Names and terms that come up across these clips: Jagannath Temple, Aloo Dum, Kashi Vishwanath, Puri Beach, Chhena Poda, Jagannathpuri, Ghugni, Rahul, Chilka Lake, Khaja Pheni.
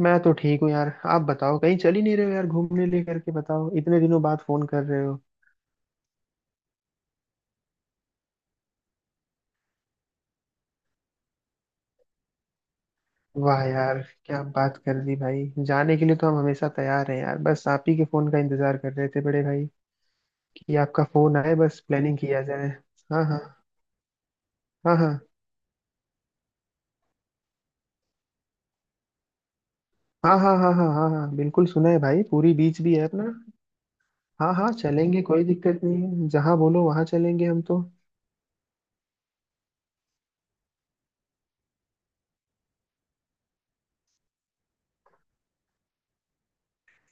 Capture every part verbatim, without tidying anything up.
मैं तो ठीक हूँ यार। आप बताओ कहीं चल ही नहीं रहे हो यार घूमने ले करके। बताओ इतने दिनों बाद फोन कर रहे हो। वाह यार। क्या बात कर दी भाई। जाने के लिए तो हम हमेशा तैयार हैं यार। बस आप ही के फोन का इंतजार कर रहे थे बड़े भाई। कि आपका फोन आए बस प्लानिंग किया जाए। हाँ हाँ हाँ हाँ हाँ हाँ हाँ हाँ हाँ हाँ बिल्कुल सुना है भाई। पूरी बीच भी है अपना। हाँ हाँ चलेंगे। कोई दिक्कत नहीं है। जहाँ बोलो वहाँ चलेंगे हम तो।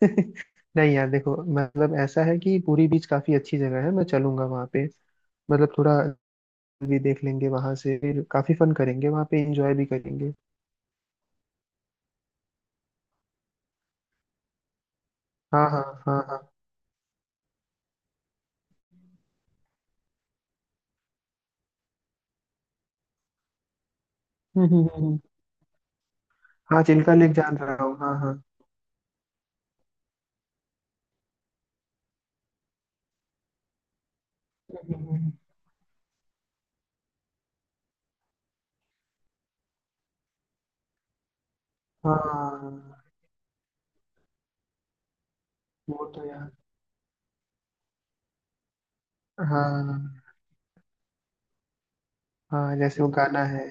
नहीं यार देखो मतलब ऐसा है कि पूरी बीच काफी अच्छी जगह है। मैं चलूंगा वहाँ पे। मतलब थोड़ा भी देख लेंगे वहां से। फिर काफी फन करेंगे वहां पे। एंजॉय भी करेंगे। हाँ हाँ हाँ हाँ हम्म हम्म हम्म हाँ चिल्का लेक जान रहा हूँ हाँ हाँ। हम्म, हम्म, हम्म। हाँ वो तो यार। हाँ हाँ जैसे वो गाना है।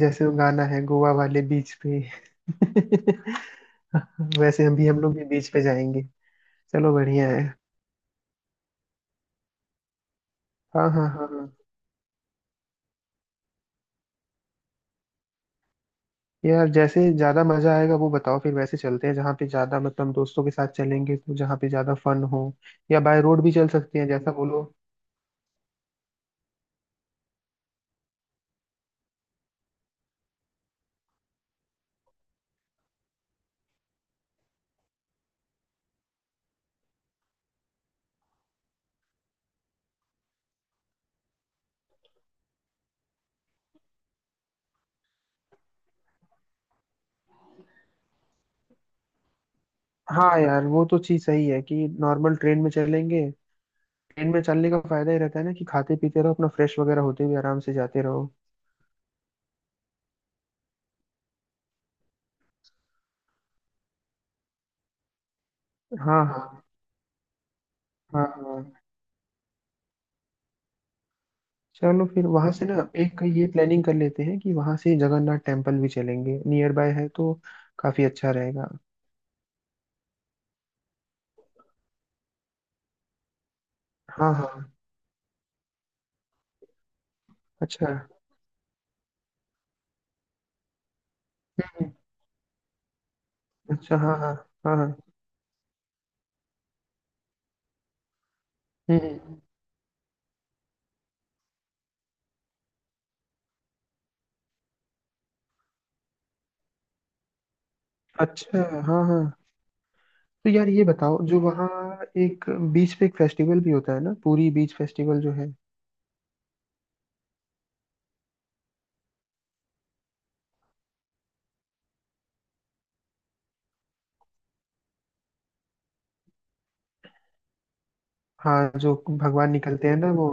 जैसे वो गाना है गोवा वाले बीच पे। वैसे हम भी हम लोग भी बीच पे जाएंगे। चलो बढ़िया है। हाँ हाँ हाँ हाँ। यार जैसे ज्यादा मजा आएगा वो बताओ। फिर वैसे चलते हैं जहाँ पे ज्यादा मतलब दोस्तों के साथ चलेंगे तो जहाँ पे ज्यादा फन हो। या बाय रोड भी चल सकते हैं जैसा बोलो। हाँ यार वो तो चीज सही है कि नॉर्मल ट्रेन में चलेंगे। ट्रेन में चलने का फायदा ही रहता है ना कि खाते पीते रहो अपना फ्रेश वगैरह होते हुए आराम से जाते रहो। हाँ हाँ हाँ हाँ। चलो फिर वहां से ना एक ये प्लानिंग कर लेते हैं कि वहां से जगन्नाथ टेम्पल भी चलेंगे। नियर बाय है तो काफी अच्छा रहेगा। हाँ हाँ। अच्छा। हम्म, हम्म। अच्छा हाँ हाँ हाँ हाँ। हम्म हम्म। अच्छा। हाँ हाँ। तो यार ये बताओ जो वहाँ एक बीच पे एक फेस्टिवल भी होता है ना पूरी बीच फेस्टिवल जो है। हाँ जो भगवान निकलते हैं ना वो।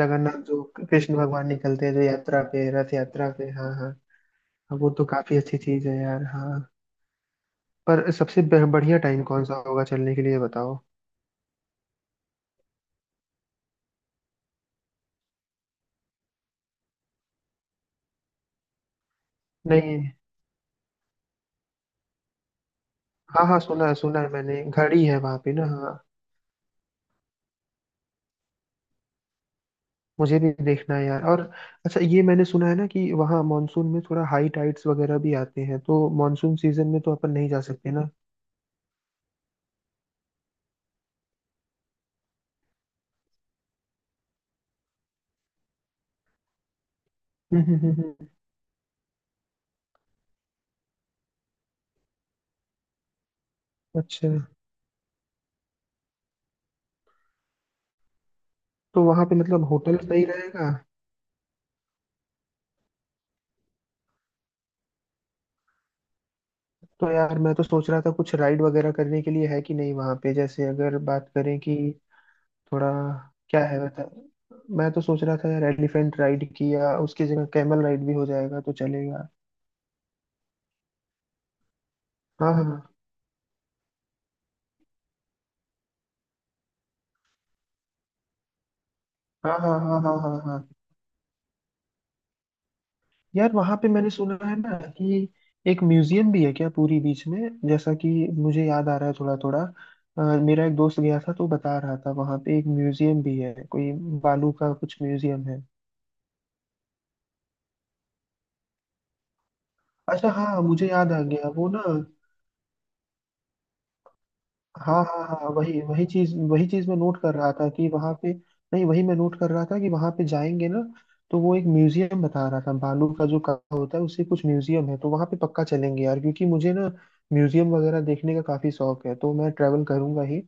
जगन्नाथ जो कृष्ण भगवान निकलते हैं जो यात्रा पे रथ यात्रा पे हाँ हाँ। हाँ, वो तो काफी अच्छी चीज है यार हाँ। पर सबसे ब- बढ़िया टाइम कौन सा होगा चलने के लिए ये बताओ। नहीं। हाँ हाँ सुना है सुना है मैंने। घड़ी है वहाँ पे ना हाँ। मुझे भी देखना है यार। और अच्छा ये मैंने सुना है ना कि वहाँ मानसून में थोड़ा हाई टाइड्स वगैरह भी आते हैं तो मानसून सीजन में तो अपन नहीं जा सकते ना। हम्म हम्म हम्म हम्म। अच्छा। तो वहाँ पे मतलब होटल सही रहेगा। तो यार मैं तो सोच रहा था कुछ राइड वगैरह करने के लिए है कि नहीं वहाँ पे जैसे अगर बात करें कि थोड़ा क्या है बता। मैं तो सोच रहा था यार एलिफेंट राइड की या उसकी जगह कैमल राइड भी हो जाएगा तो चलेगा। हाँ हाँ हाँ हाँ हाँ हाँ हाँ हाँ। यार वहाँ पे मैंने सुना है ना कि एक म्यूजियम भी है क्या पूरी बीच में। जैसा कि मुझे याद आ रहा है थोड़ा थोड़ा। अ, मेरा एक दोस्त गया था तो बता रहा था वहाँ पे एक म्यूजियम भी है कोई बालू का कुछ म्यूजियम है। अच्छा हाँ मुझे याद आ गया वो ना। हाँ हाँ हाँ हाँ, वही वही चीज वही चीज मैं नोट कर रहा था कि वहां पे। नहीं वही मैं नोट कर रहा था कि वहां पे जाएंगे ना तो वो एक म्यूजियम बता रहा था बालू का जो काम होता है उससे कुछ म्यूजियम है तो वहां पे पक्का चलेंगे यार क्योंकि मुझे ना म्यूजियम वगैरह देखने का काफी शौक है तो मैं ट्रैवल करूंगा ही।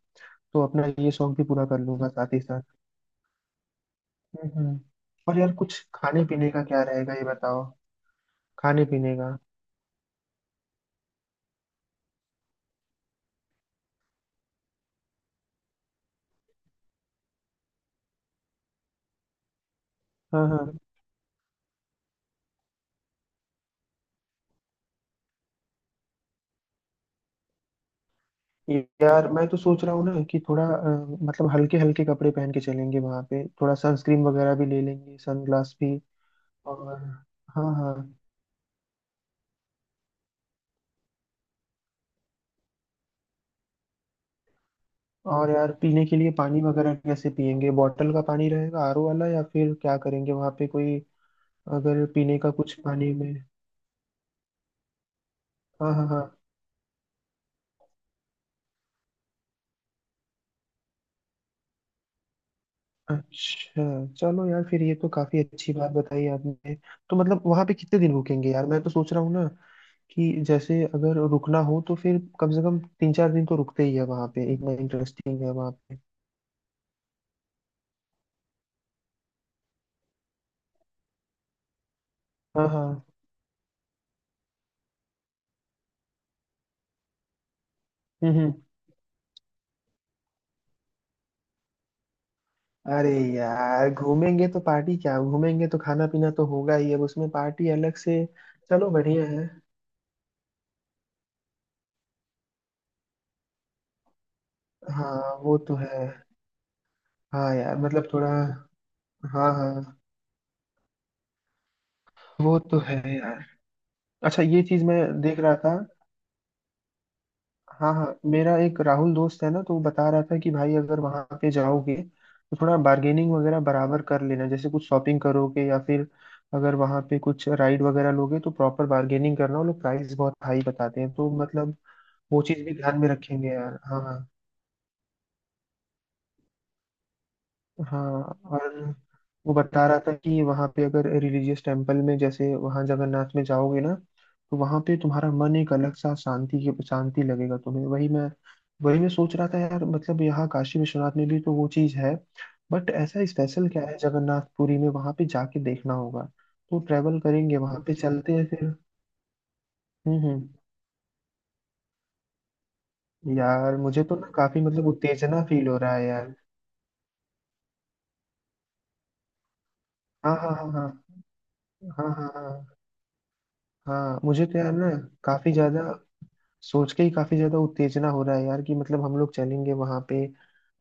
तो अपना ये शौक भी पूरा कर लूंगा साथ ही साथ। हम्म हम्म। और यार कुछ खाने पीने का क्या रहेगा ये बताओ। खाने पीने का। हाँ हाँ। यार मैं तो सोच रहा हूँ ना कि थोड़ा अ, मतलब हल्के हल्के कपड़े पहन के चलेंगे वहां पे थोड़ा सनस्क्रीन वगैरह भी ले लेंगे सनग्लास भी। और। हाँ हाँ। और यार पीने के लिए पानी वगैरह कैसे पियेंगे। बॉटल का पानी रहेगा आर ओ वाला या फिर क्या करेंगे वहां पे कोई अगर पीने का कुछ पानी में। हाँ हाँ हाँ। अच्छा। चलो यार फिर ये तो काफी अच्छी बात बताई आपने। तो मतलब वहां पे कितने दिन रुकेंगे यार। मैं तो सोच रहा हूँ ना कि जैसे अगर रुकना हो तो फिर कम से कम तीन चार दिन तो रुकते ही है वहां पे। इतना इंटरेस्टिंग है वहां पे। हाँ हाँ। हम्म हम्म। अरे यार घूमेंगे तो पार्टी क्या। घूमेंगे तो खाना पीना तो होगा ही। अब उसमें पार्टी अलग से। चलो बढ़िया है। हाँ वो तो है। हाँ यार मतलब थोड़ा हाँ हाँ। वो तो है यार। अच्छा ये चीज मैं देख रहा था। हाँ हाँ मेरा एक राहुल दोस्त है ना तो वो बता रहा था कि भाई अगर वहाँ पे जाओगे तो थोड़ा बार्गेनिंग वगैरह बराबर कर लेना जैसे कुछ शॉपिंग करोगे या फिर अगर वहाँ पे कुछ राइड वगैरह लोगे तो प्रॉपर बार्गेनिंग करना। वो लोग प्राइस बहुत हाई बताते हैं तो मतलब वो चीज़ भी ध्यान में रखेंगे यार हाँ हाँ। हाँ। और वो बता रहा था कि वहाँ पे अगर रिलीजियस टेम्पल में जैसे वहाँ जगन्नाथ में जाओगे ना तो वहाँ पे तुम्हारा मन एक अलग सा शांति की शांति लगेगा तुम्हें। वही मैं वही मैं सोच रहा था यार मतलब यहाँ काशी विश्वनाथ में भी तो वो चीज़ है। बट ऐसा स्पेशल क्या है जगन्नाथपुरी में वहाँ पे जाके देखना होगा। तो ट्रेवल करेंगे वहाँ पे चलते हैं फिर। हम्म हम्म। यार मुझे तो ना काफी मतलब उत्तेजना फील हो रहा है यार। हाँ हाँ हाँ हाँ हाँ हाँ हाँ हाँ। हाँ, मुझे तो यार ना काफी ज्यादा सोच के ही काफी ज्यादा उत्तेजना हो रहा है यार कि मतलब हम लोग चलेंगे वहां पे।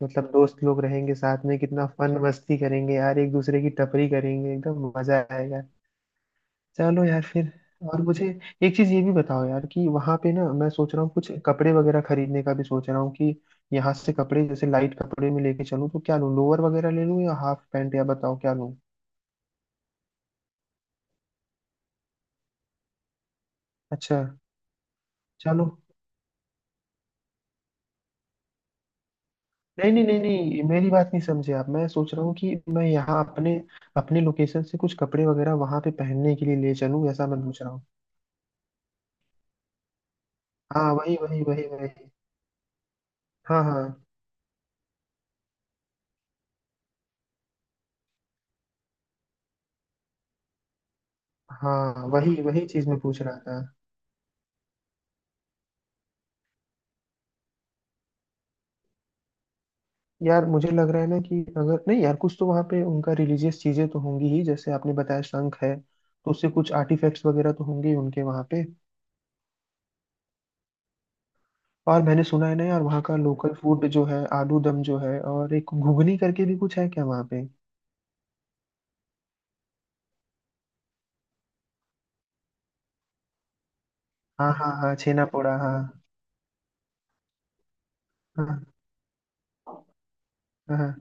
मतलब दोस्त लोग रहेंगे साथ में कितना फन मस्ती करेंगे यार। एक दूसरे की टपरी करेंगे एकदम मजा आएगा। चलो यार फिर। और मुझे एक चीज ये भी बताओ यार कि वहां पे ना मैं सोच रहा हूँ कुछ कपड़े वगैरह खरीदने का भी सोच रहा हूँ कि यहाँ से कपड़े जैसे लाइट कपड़े में लेके चलूँ तो क्या लूँ लोअर वगैरह ले लूँ या हाफ पैंट या बताओ क्या लूँ। अच्छा। चलो। नहीं नहीं नहीं नहीं मेरी बात नहीं समझे आप। मैं सोच रहा हूँ कि मैं यहाँ अपने अपने लोकेशन से कुछ कपड़े वगैरह वहां पे पहनने के लिए ले चलूँ ऐसा मैं पूछ रहा हूँ। हाँ वही वही वही वही। हाँ हाँ हाँ वही वही चीज मैं पूछ रहा था। यार मुझे लग रहा है ना कि अगर नहीं यार कुछ तो वहाँ पे उनका रिलीजियस चीजें तो होंगी ही जैसे आपने बताया शंख है तो उससे कुछ आर्टिफैक्ट्स वगैरह तो होंगे ही उनके वहाँ पे। और मैंने सुना है ना यार वहाँ का लोकल फूड जो है आलू दम जो है और एक घुगनी करके भी कुछ है क्या वहाँ पे। हाँ हाँ हाँ छेना पोड़ा हाँ। हाँ हाँ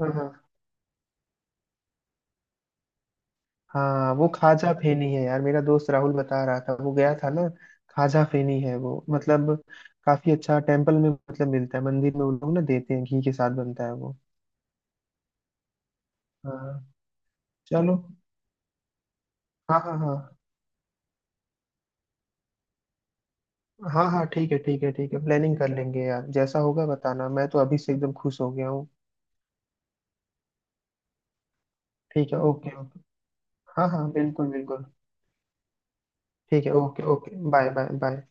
हाँ हाँ। वो खाजा फेनी है यार मेरा दोस्त राहुल बता रहा था वो गया था ना। खाजा फेनी है वो मतलब काफी अच्छा टेम्पल में मतलब मिलता है मंदिर में। वो लोग ना देते हैं घी के साथ बनता है वो। हाँ। चलो। हाँ हाँ हाँ हाँ हाँ ठीक है ठीक है ठीक है। प्लानिंग कर लेंगे यार जैसा होगा बताना। मैं तो अभी से एकदम खुश हो गया हूँ। ठीक है ओके ओके। हाँ हाँ बिल्कुल बिल्कुल। ठीक है okay okay bye bye bye.